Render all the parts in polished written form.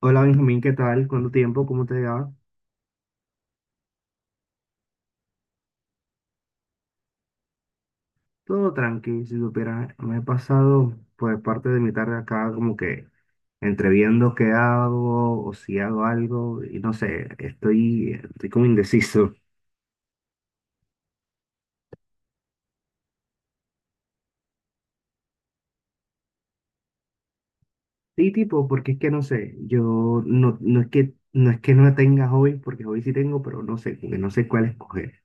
Hola Benjamín, ¿qué tal? ¿Cuánto tiempo? ¿Cómo te va? Todo tranqui, si supieras, me he pasado pues parte de mi tarde acá como que entre viendo qué hago o si hago algo y no sé, estoy como indeciso. Sí, tipo, porque es que no sé, yo no es que no tenga hobbies, porque hobbies sí tengo, pero no sé, como que no sé cuál escoger.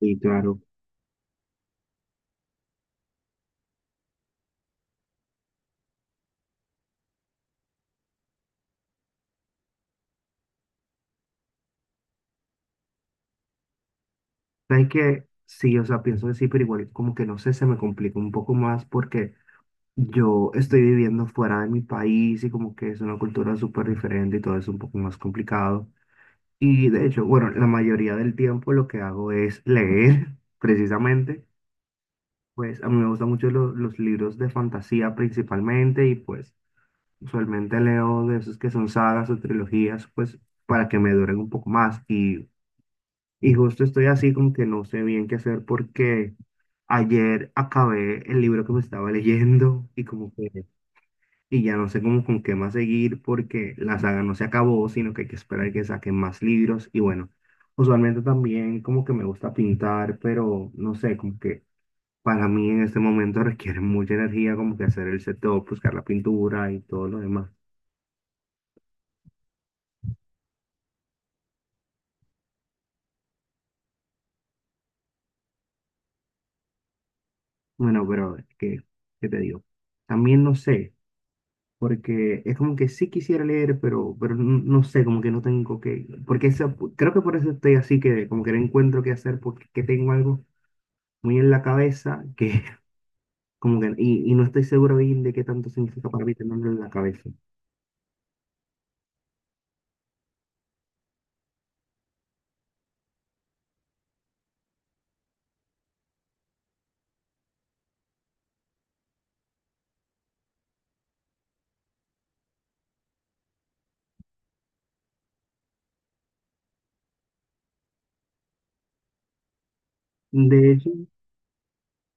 Y claro, sabes que sí, o sea, pienso decir, pero igual como que no sé, se me complica un poco más porque yo estoy viviendo fuera de mi país y como que es una cultura súper diferente y todo es un poco más complicado. Y de hecho, bueno, la mayoría del tiempo lo que hago es leer, precisamente. Pues a mí me gustan mucho los libros de fantasía principalmente y pues usualmente leo de esos que son sagas o trilogías, pues para que me duren un poco más. Y justo estoy así como que no sé bien qué hacer porque ayer acabé el libro que me estaba leyendo y como que... Y ya no sé cómo con qué más seguir porque la saga no se acabó, sino que hay que esperar que saquen más libros. Y bueno, usualmente también como que me gusta pintar, pero no sé, como que para mí en este momento requiere mucha energía como que hacer el setup, buscar la pintura y todo lo demás. Bueno, pero ¿qué, qué te digo? También no sé, porque es como que sí quisiera leer, pero, no sé, como que no tengo que, porque creo que por eso estoy así que como que no encuentro qué hacer porque que tengo algo muy en la cabeza que como que, y no estoy seguro bien de qué tanto significa para mí tenerlo en la cabeza. De hecho,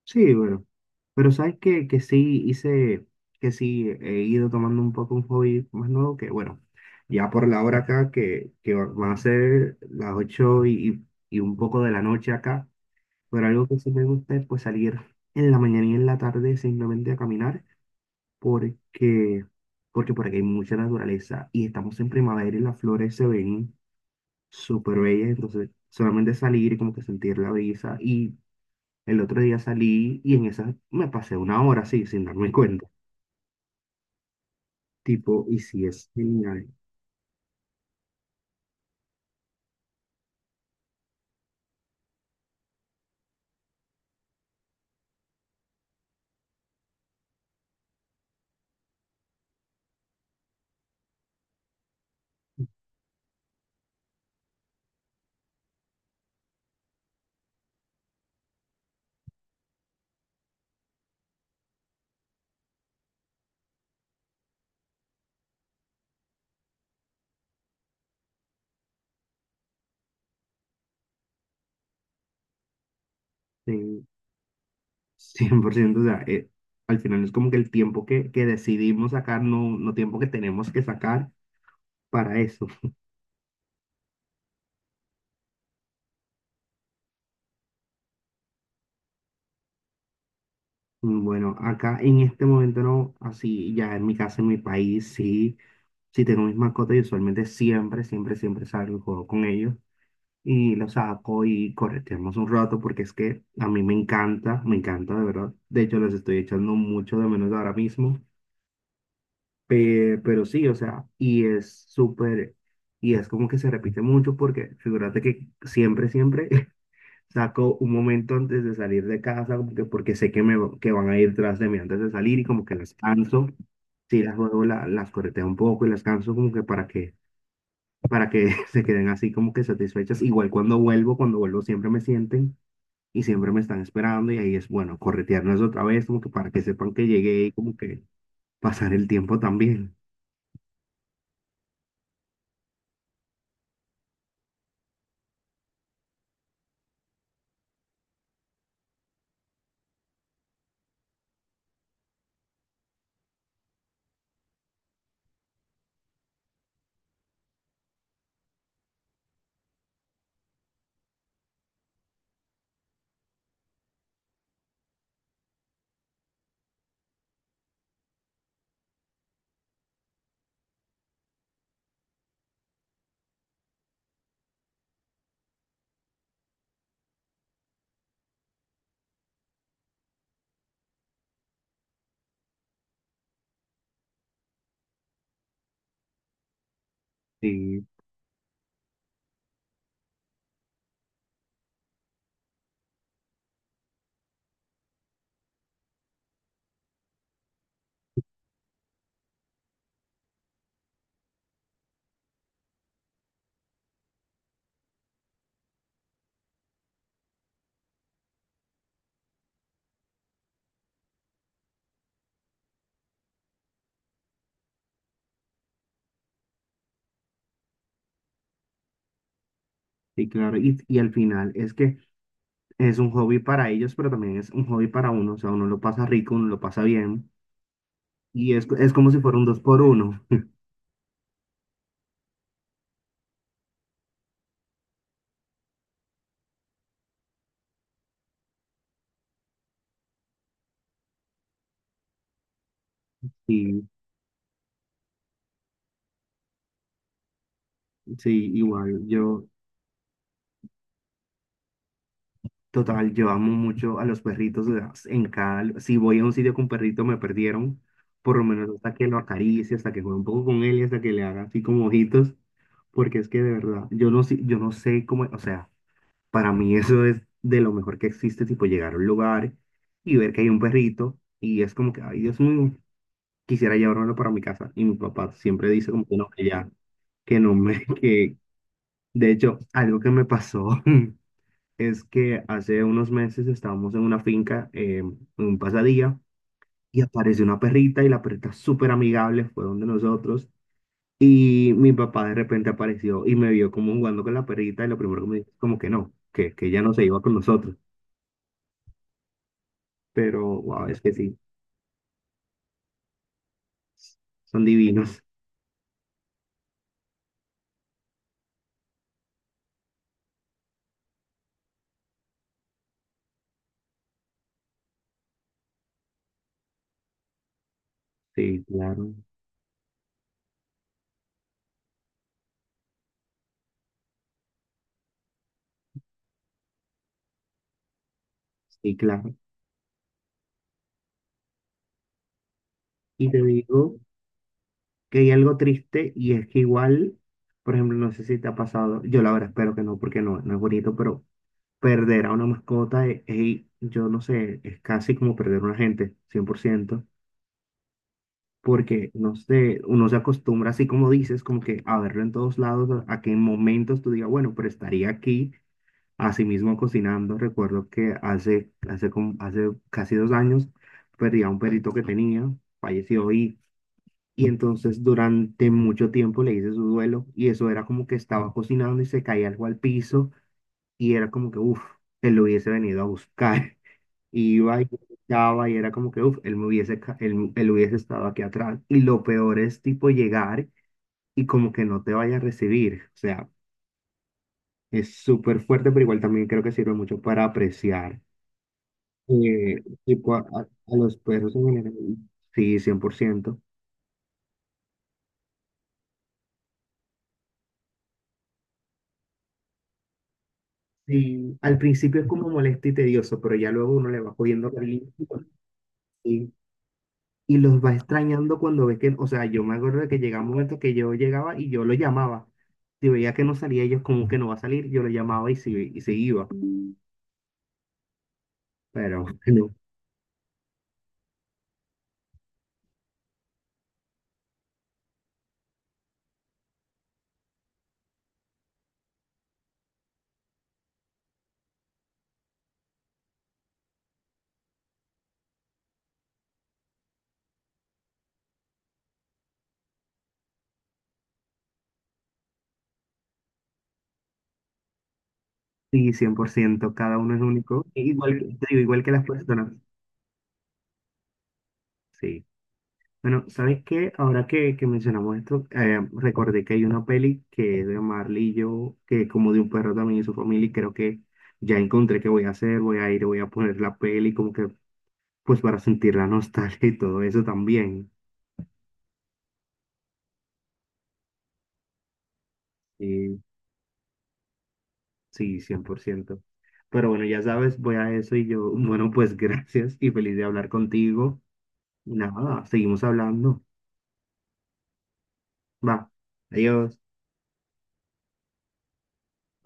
sí, bueno. Pero sabes que sí hice, que sí he ido tomando un poco un hobby más nuevo que, bueno, ya por la hora acá, que, van a ser las 8 y un poco de la noche acá. Pero algo que sí me gusta es pues salir en la mañana y en la tarde simplemente a caminar, porque, porque por aquí hay mucha naturaleza y estamos en primavera y las flores se ven súper bella, entonces solamente salir y como que sentir la brisa y el otro día salí y en esa me pasé una hora así sin darme cuenta, tipo, y sí es genial. Sí, cien por ciento, o sea, al final es como que el tiempo que decidimos sacar, no, no tiempo que tenemos que sacar para eso. Bueno, acá en este momento no, así ya en mi casa, en mi país, sí, sí tengo mis mascotas y usualmente siempre, siempre, siempre salgo y juego con ellos. Y lo saco y correteamos un rato porque es que a mí me encanta de verdad. De hecho, les estoy echando mucho de menos ahora mismo, pero, sí, o sea, y es súper, y es como que se repite mucho porque figúrate que siempre, siempre saco un momento antes de salir de casa como que porque sé que van a ir tras de mí antes de salir y como que las canso. Sí, las juego, las correteo un poco y las canso como que para que para que se queden así como que satisfechas. Igual cuando vuelvo siempre me sienten y siempre me están esperando y ahí es bueno, corretearnos otra vez como que para que sepan que llegué y como que pasar el tiempo también. Sí, sí, claro. Y al final es que es un hobby para ellos, pero también es un hobby para uno. O sea, uno lo pasa rico, uno lo pasa bien y es como si fuera un dos por uno. Y sí, igual yo. Total, yo amo mucho a los perritos, o sea. En cada, si voy a un sitio con perrito, me perdieron. Por lo menos hasta que lo acaricie, hasta que juegue un poco con él y hasta que le haga así como ojitos. Porque es que de verdad, yo no sé cómo, o sea, para mí eso es de lo mejor que existe, tipo llegar a un lugar y ver que hay un perrito y es como que, ay, Dios mío, quisiera llevármelo para mi casa. Y mi papá siempre dice como que no, que ya, que no me, que de hecho, algo que me pasó. Es que hace unos meses estábamos en una finca, en un pasadía, y apareció una perrita y la perrita súper amigable, fue donde nosotros. Y mi papá de repente apareció y me vio como jugando con la perrita y lo primero que me dijo es como que no, que ella no se iba con nosotros. Pero, wow, es que sí, son divinos. Sí, claro. Sí, claro. Y te digo que hay algo triste y es que igual, por ejemplo, no sé si te ha pasado, yo la verdad espero que no, porque no, no es bonito, pero perder a una mascota, ey, yo no sé, es casi como perder a una gente, cien por ciento. Porque no sé, uno se acostumbra, así como dices, como que a verlo en todos lados, a que en momentos tú digas, bueno, pero estaría aquí, así mismo cocinando. Recuerdo que hace casi 2 años perdí a un perrito que tenía, falleció y entonces durante mucho tiempo le hice su duelo y eso era como que estaba cocinando y se caía algo al piso y era como que, uff, él lo hubiese venido a buscar. Iba y estaba y era como que, uff, él me hubiese, él hubiese estado aquí atrás. Y lo peor es tipo llegar y como que no te vaya a recibir. O sea, es súper fuerte, pero igual también creo que sirve mucho para apreciar, tipo a, a los perros en general. Sí, cien por ciento. Sí, al principio es como molesto y tedioso, pero ya luego uno le va cogiendo cariño. Y los va extrañando cuando ve que, o sea, yo me acuerdo de que llegaba un momento que yo llegaba y yo lo llamaba. Si veía que no salía, ellos como que no va a salir, yo lo llamaba y y se iba. Pero no, sí, 100% cada uno es único, igual, te digo, igual que las personas. Sí. Bueno, ¿sabes qué? Ahora que mencionamos esto, recordé que hay una peli que es de Marley y yo, que es como de un perro también y su familia, y creo que ya encontré qué voy a hacer, voy a ir, voy a poner la peli, como que, pues para sentir la nostalgia y todo eso también. Sí, sí, cien por ciento. Pero bueno, ya sabes, voy a eso y yo, bueno, pues gracias y feliz de hablar contigo. Nada, seguimos hablando. Va, adiós.